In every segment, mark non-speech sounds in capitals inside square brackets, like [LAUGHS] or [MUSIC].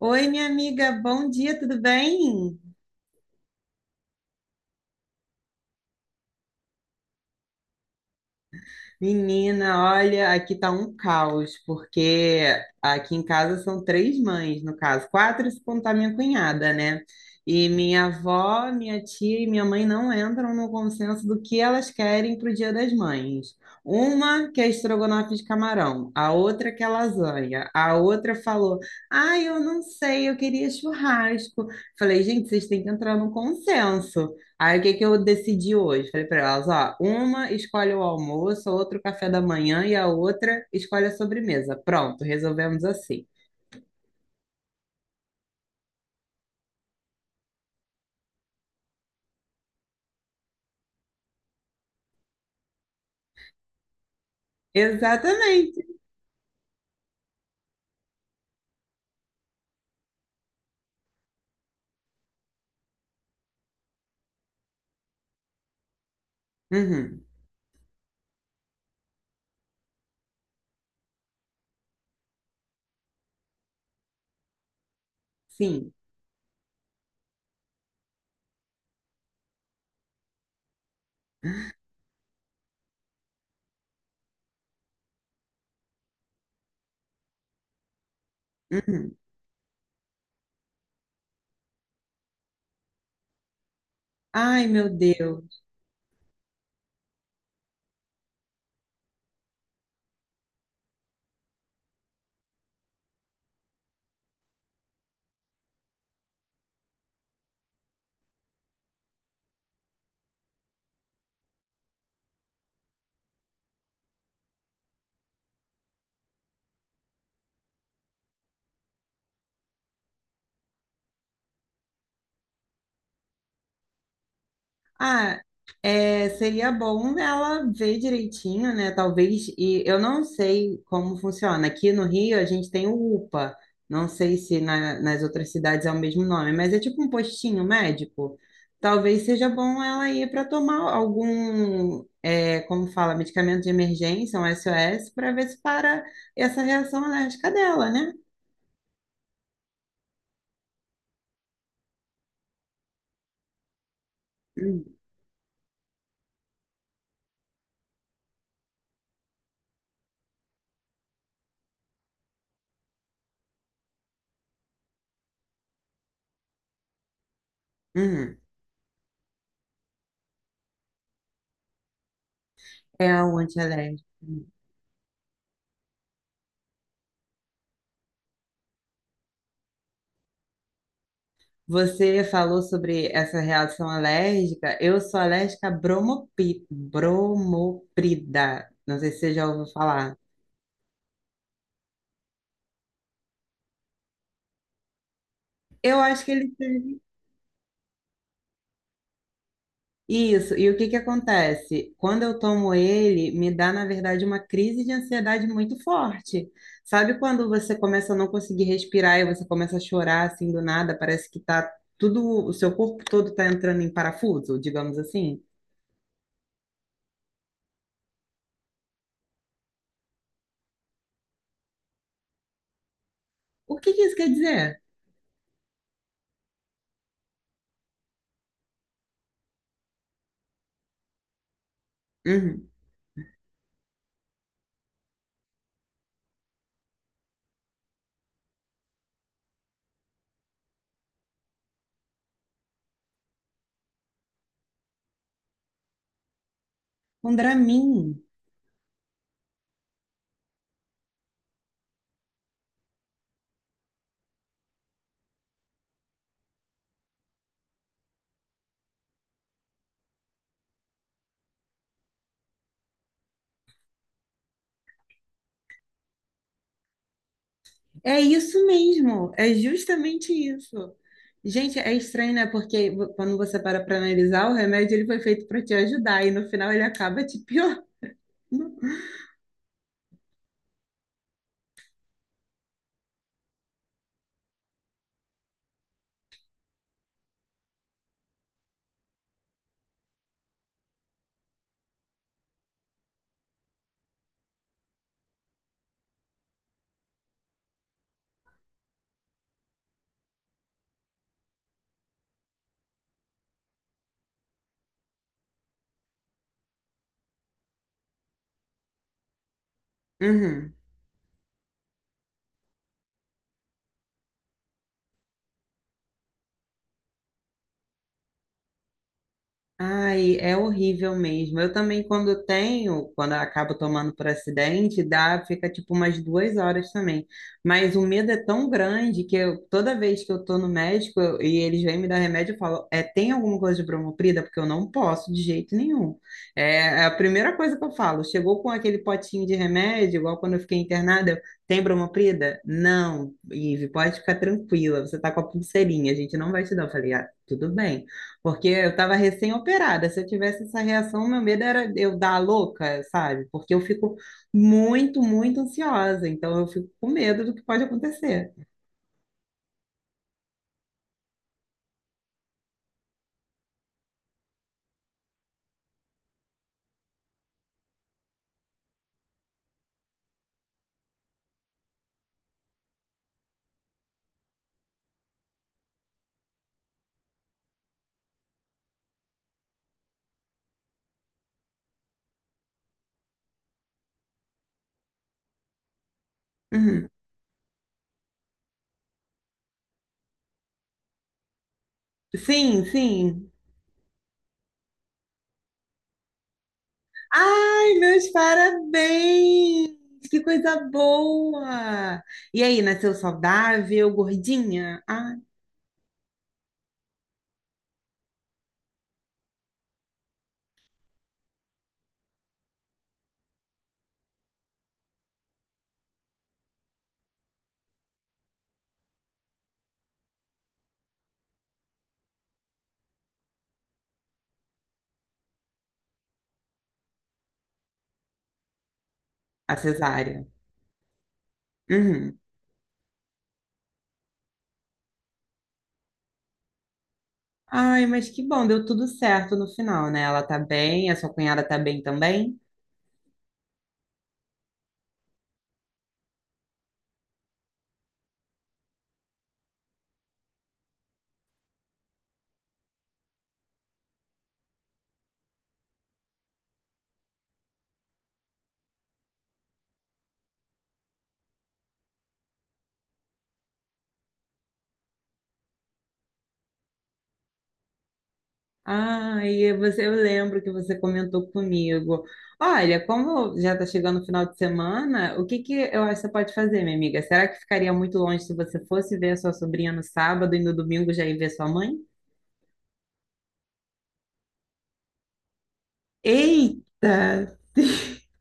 Oi, minha amiga, bom dia, tudo bem? Menina, olha, aqui tá um caos, porque aqui em casa são três mães, no caso, quatro se contar minha cunhada, né? E minha avó, minha tia e minha mãe não entram no consenso do que elas querem pro Dia das Mães. Uma quer estrogonofe de camarão, a outra quer lasanha, a outra falou: "Ah, eu não sei, eu queria churrasco". Falei: "Gente, vocês têm que entrar no consenso". Aí o que que eu decidi hoje? Falei para elas, ó, uma escolhe o almoço, a outra o café da manhã e a outra escolhe a sobremesa. Pronto, resolvemos assim. Exatamente. Uhum. Sim. Uhum. Ai, meu Deus. Ah, é, seria bom ela ver direitinho, né? Talvez, e eu não sei como funciona. Aqui no Rio a gente tem o UPA, não sei se nas outras cidades é o mesmo nome, mas é tipo um postinho médico. Talvez seja bom ela ir para tomar algum, como fala, medicamento de emergência, um SOS, para ver se para essa reação alérgica dela, né? Hum, hum. É o antialérgico. Você falou sobre essa reação alérgica. Eu sou alérgica a bromoprida. Não sei se você já ouviu falar. Eu acho que ele. Isso. E o que que acontece? Quando eu tomo ele, me dá, na verdade, uma crise de ansiedade muito forte. Sabe quando você começa a não conseguir respirar e você começa a chorar assim do nada? Parece que tá tudo, o seu corpo todo tá entrando em parafuso, digamos assim. O que que isso quer dizer? Uhum. Um Dramin. É isso mesmo, é justamente isso. Gente, é estranho, né? Porque quando você para para analisar, o remédio ele foi feito para te ajudar e no final ele acaba te piorando. Uhum. Ai, é horrível mesmo. Eu também, quando tenho, quando eu acabo tomando por acidente, dá, fica tipo umas duas horas também. Mas o medo é tão grande que eu, toda vez que eu tô no médico e eles vêm me dar remédio, eu falo, é, tem alguma coisa de bromoprida? Porque eu não posso de jeito nenhum. É, é a primeira coisa que eu falo. Chegou com aquele potinho de remédio, igual quando eu fiquei internada, eu, tem bromoprida? Não, Ive, pode ficar tranquila, você tá com a pulseirinha, a gente não vai te dar. Eu falei, ah, tudo bem. Porque eu estava recém-operada. Se eu tivesse essa reação, meu medo era eu dar a louca, sabe? Porque eu fico muito, muito ansiosa. Então eu fico com medo do que pode acontecer. Uhum. Sim, sim. Ai, meus parabéns! Que coisa boa! E aí, nasceu saudável, gordinha? Ah, a cesárea. Uhum. Ai, mas que bom, deu tudo certo no final, né? Ela tá bem, a sua cunhada tá bem também? Ah, e você, eu lembro que você comentou comigo. Olha, como já está chegando o final de semana, o que que eu acho que você pode fazer, minha amiga? Será que ficaria muito longe se você fosse ver a sua sobrinha no sábado e no domingo já ir ver sua mãe? Eita! [LAUGHS]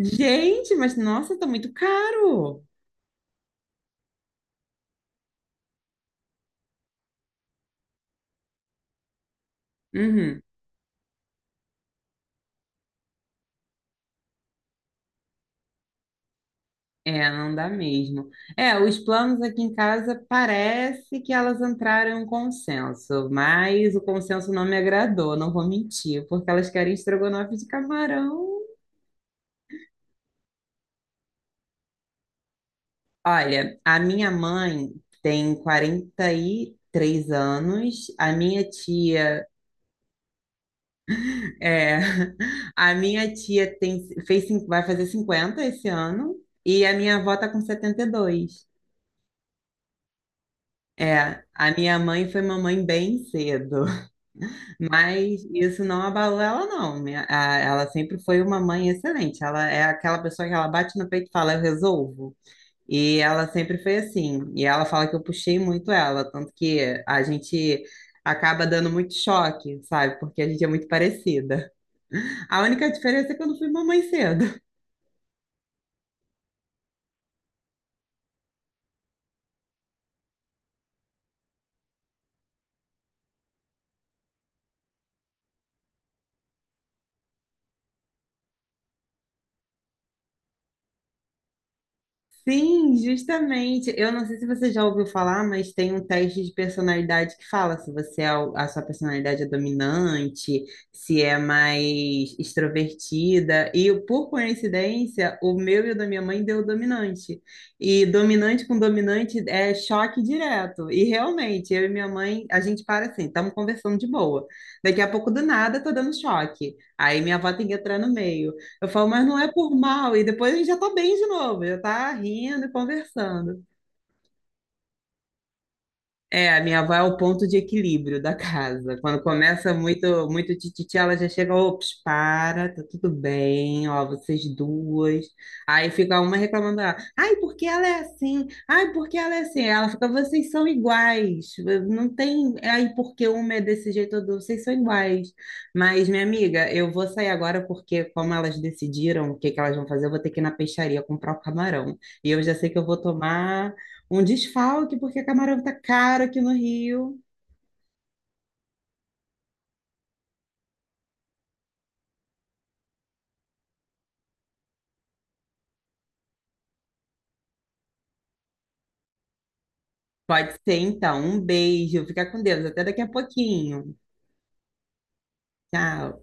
Gente, mas nossa, tá muito caro! Uhum. É, não dá mesmo. É, os planos aqui em casa parece que elas entraram em um consenso, mas o consenso não me agradou, não vou mentir, porque elas querem estrogonofe de camarão. Olha, a minha mãe tem 43 anos, a minha tia é, [LAUGHS] a minha tia vai fazer 50 esse ano e a minha avó tá com 72. É, a minha mãe foi mamãe bem cedo. Mas isso não abalou ela, não. Ela sempre foi uma mãe excelente. Ela é aquela pessoa que ela bate no peito e fala, eu resolvo. E ela sempre foi assim. E ela fala que eu puxei muito ela, tanto que a gente acaba dando muito choque, sabe? Porque a gente é muito parecida. A única diferença é que eu não fui mamãe cedo. Sim, justamente. Eu não sei se você já ouviu falar, mas tem um teste de personalidade que fala se a sua personalidade é dominante, se é mais extrovertida. E por coincidência, o meu e o da minha mãe deu dominante. E dominante com dominante é choque direto. E realmente, eu e minha mãe, a gente para assim, estamos conversando de boa. Daqui a pouco do nada, tô dando choque. Aí minha avó tem que entrar no meio. Eu falo, mas não é por mal. E depois a gente já tá bem de novo, já tá rindo e conversando. É, a minha avó é o ponto de equilíbrio da casa. Quando começa muito, muito tititi, ela já chega, ops, para, tá tudo bem, ó, vocês duas. Aí fica uma reclamando dela. Ai, porque ela é assim? Ai, porque ela é assim? Ela fica, vocês são iguais. Não tem, ai, porque uma é desse jeito, vocês são iguais. Mas, minha amiga, eu vou sair agora porque, como elas decidiram o que que elas vão fazer, eu vou ter que ir na peixaria comprar o camarão. E eu já sei que eu vou tomar um desfalque, porque camarão tá caro aqui no Rio. Pode ser, então. Um beijo. Fica com Deus. Até daqui a pouquinho. Tchau.